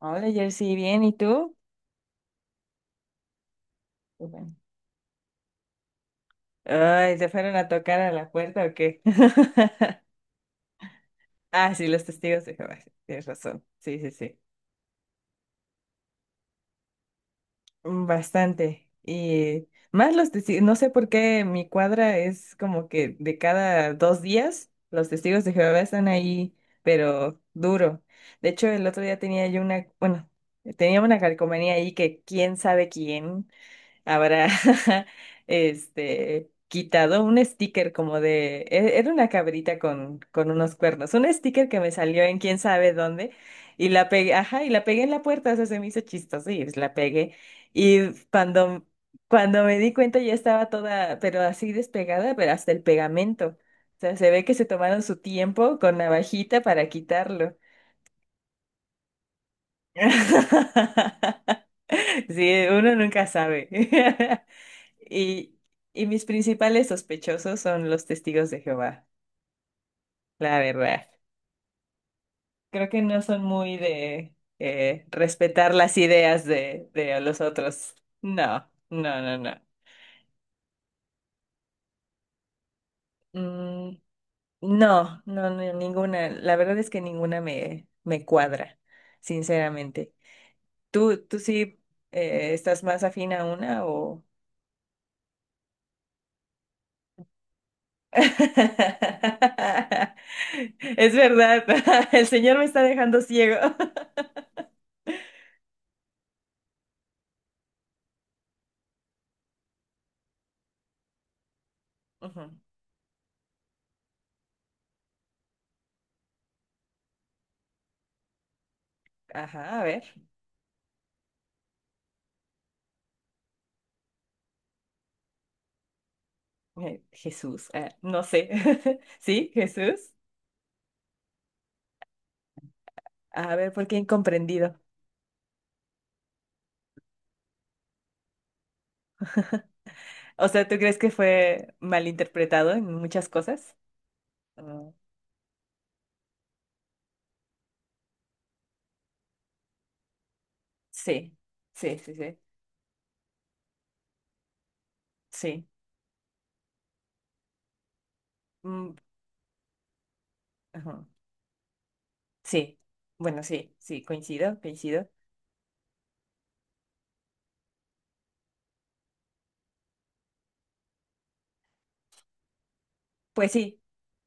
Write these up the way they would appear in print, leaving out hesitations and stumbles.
Hola, Jersey, bien, ¿y tú? Qué bueno. Ay, ¿te fueron a tocar a la puerta o qué? Ah, sí, los testigos de Jehová, sí, tienes razón. Sí, sí, sí. Bastante. Y más los testigos, no sé por qué mi cuadra es como que de cada dos días los testigos de Jehová están ahí, pero duro. De hecho, el otro día tenía yo bueno, tenía una calcomanía ahí que quién sabe quién habrá quitado un sticker como de era una cabrita con unos cuernos, un sticker que me salió en quién sabe dónde y la pegué, ajá, y la pegué en la puerta, o sea, se me hizo chistoso y pues la pegué y cuando me di cuenta ya estaba toda pero así despegada, pero hasta el pegamento. O sea, se ve que se tomaron su tiempo con navajita para quitarlo. Sí, uno nunca sabe. Y, y mis principales sospechosos son los testigos de Jehová, la verdad. Creo que no son muy de respetar las ideas de los otros. No, no, no, no. Mm, no, no, no, ninguna. La verdad es que ninguna me cuadra, sinceramente. ¿Tú sí estás más afín a una o? Es verdad, el Señor me está dejando ciego. Ujú. Ajá, a ver. Jesús, no sé. ¿Sí, Jesús? A ver, ¿por qué incomprendido? O sea, ¿tú crees que fue malinterpretado en muchas cosas? Mm, sí, sí, sí, sí, sí. Mm, ajá, sí, bueno, sí, sí, coincido, coincido. Pues sí,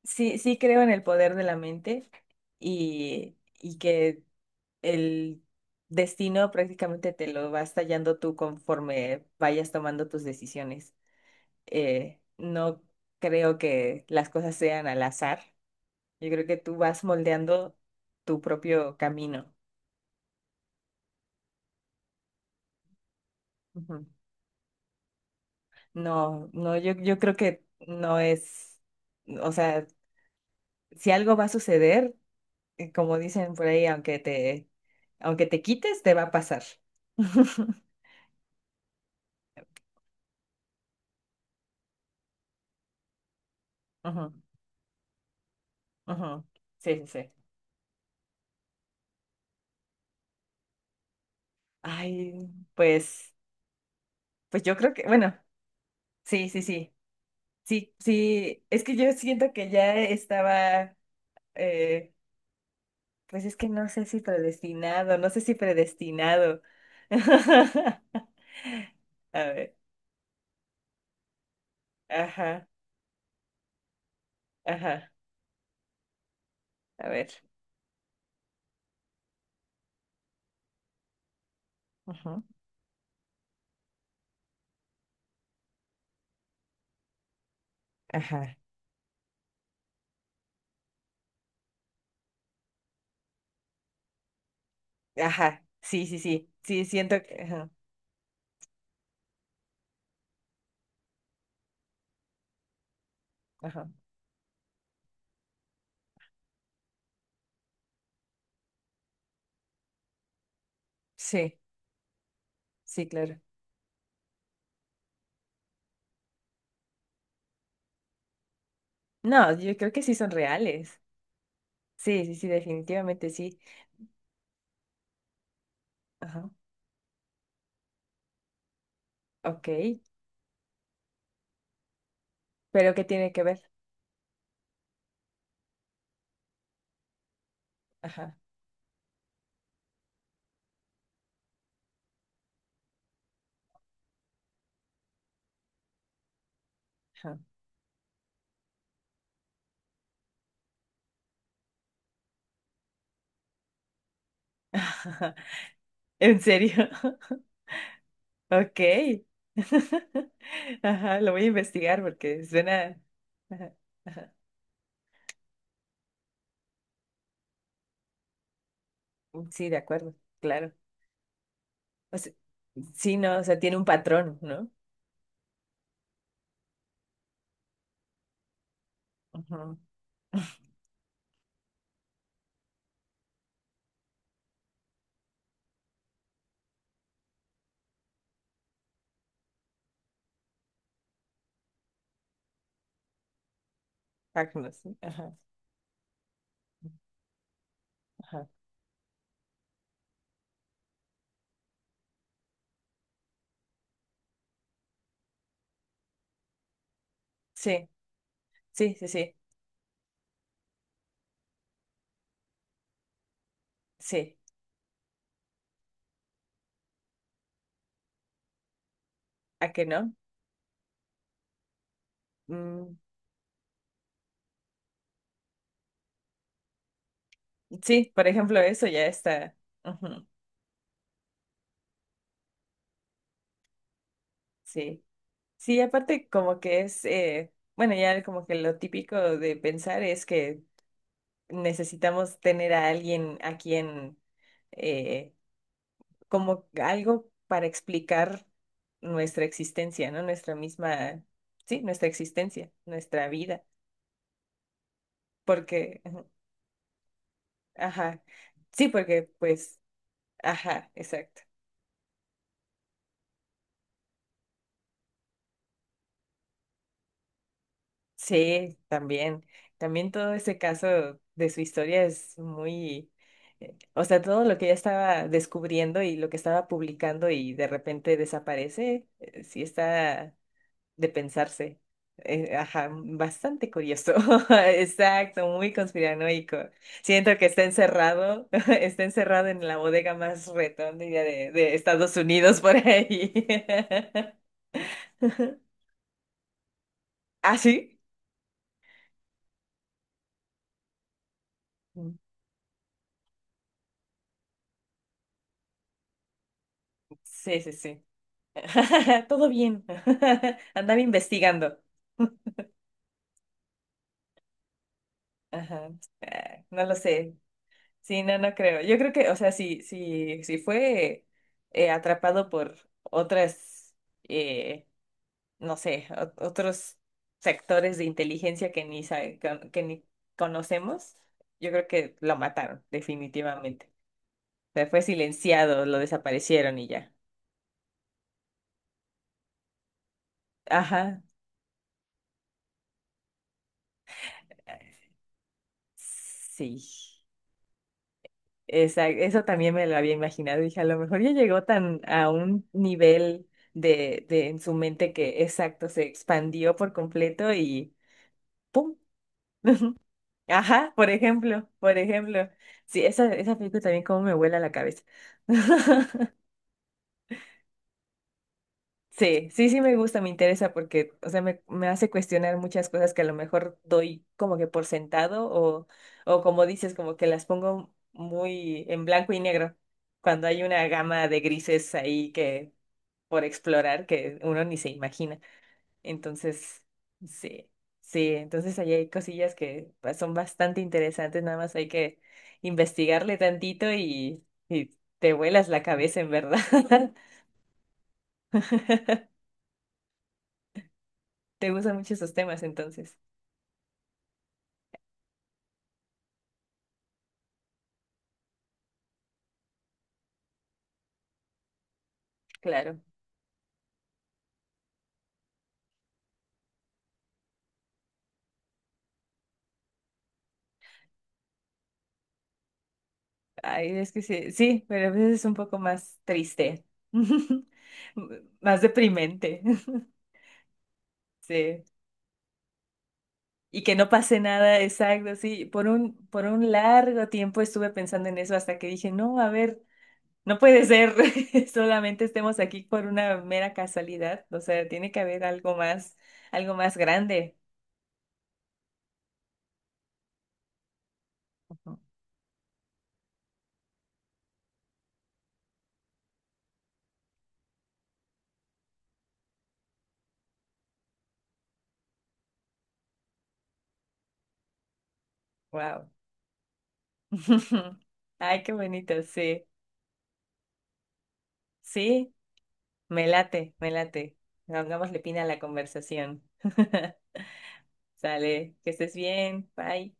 sí, sí creo en el poder de la mente y que el destino prácticamente te lo vas tallando tú conforme vayas tomando tus decisiones. No creo que las cosas sean al azar. Yo creo que tú vas moldeando tu propio camino. Ujú. No, no, yo creo que no es, o sea, si algo va a suceder, como dicen por ahí, aunque te quites, te va a pasar. Ujú, ujú. Sí, sí, sí. Ay, pues, pues yo creo que, bueno, sí, sí, sí, sí, sí, es que yo siento que ya estaba, eh, Pues es que no sé si predestinado, no sé si predestinado. A ver, ajá, ajá, a ver. Ujú, ajá, ajá, sí, sí, sí, sí, siento que. Ajá, ajá, sí, sí, claro. No, yo creo que sí son reales. Sí, sí, sí, definitivamente sí. Ajá, ok, pero ¿qué tiene que ver? Ajá, ajá. ¿En serio? Ok. Ajá, lo voy a investigar porque suena. Ajá. Ajá. Sí, de acuerdo, claro. O sea, sí, no, o sea, tiene un patrón, ¿no? Ujú. Agnos, sí. Ajá, ajá. Sí, sí, sí, sí, sí. ¿A qué no? Mm, sí, por ejemplo, eso ya está. Ujú. Sí, sí, aparte como que es, bueno, ya como que lo típico de pensar es que necesitamos tener a alguien a quien, eh, como algo para explicar nuestra existencia, ¿no? Nuestra misma, sí, nuestra existencia, nuestra vida, porque, ajá, sí, porque pues, ajá, exacto. Sí, también, también todo ese caso de su historia es muy, o sea, todo lo que ella estaba descubriendo y lo que estaba publicando y de repente desaparece, sí está de pensarse. Ajá, bastante curioso. Exacto, muy conspiranoico. Siento que está encerrado, está encerrado en la bodega más retonda de Estados Unidos por ahí. ¿Ah, sí? Mm, sí, sí, sí. Todo bien. Andaba investigando. Ajá. Ah, no lo sé. Sí, no, no creo. Yo creo que, o sea, si fue atrapado por otras. eh, no sé, otros sectores de inteligencia que ni conocemos, yo creo que lo mataron, definitivamente. O sea, fue silenciado, lo desaparecieron y ya. Ajá, sí. Eso también me lo había imaginado. Dije, a lo mejor ya llegó tan a un nivel de en su mente que exacto, se expandió por completo y ¡pum! Ajá, por ejemplo, por ejemplo. Sí, esa película también como me vuela la cabeza. Sí, sí, sí me gusta, me interesa porque, o sea, me hace cuestionar muchas cosas que a lo mejor doy como que por sentado o, como dices, como que las pongo muy en blanco y negro, cuando hay una gama de grises ahí que por explorar que uno ni se imagina. Entonces, sí, sí, entonces ahí hay cosillas que pues, son bastante interesantes, nada más hay que investigarle tantito y te vuelas la cabeza en verdad. Te gustan mucho esos temas entonces. Claro, ay, es que sí, sí, pero a veces es un poco más triste, más deprimente, sí. Y que no pase nada, exacto, sí. Por un largo tiempo estuve pensando en eso hasta que dije, no, a ver, no puede ser, solamente estemos aquí por una mera casualidad, o sea, tiene que haber algo más grande. Wow. Ay, qué bonito, sí, sí. Me late, me late. Pongámosle pina a la conversación. Sale, que estés bien. Bye.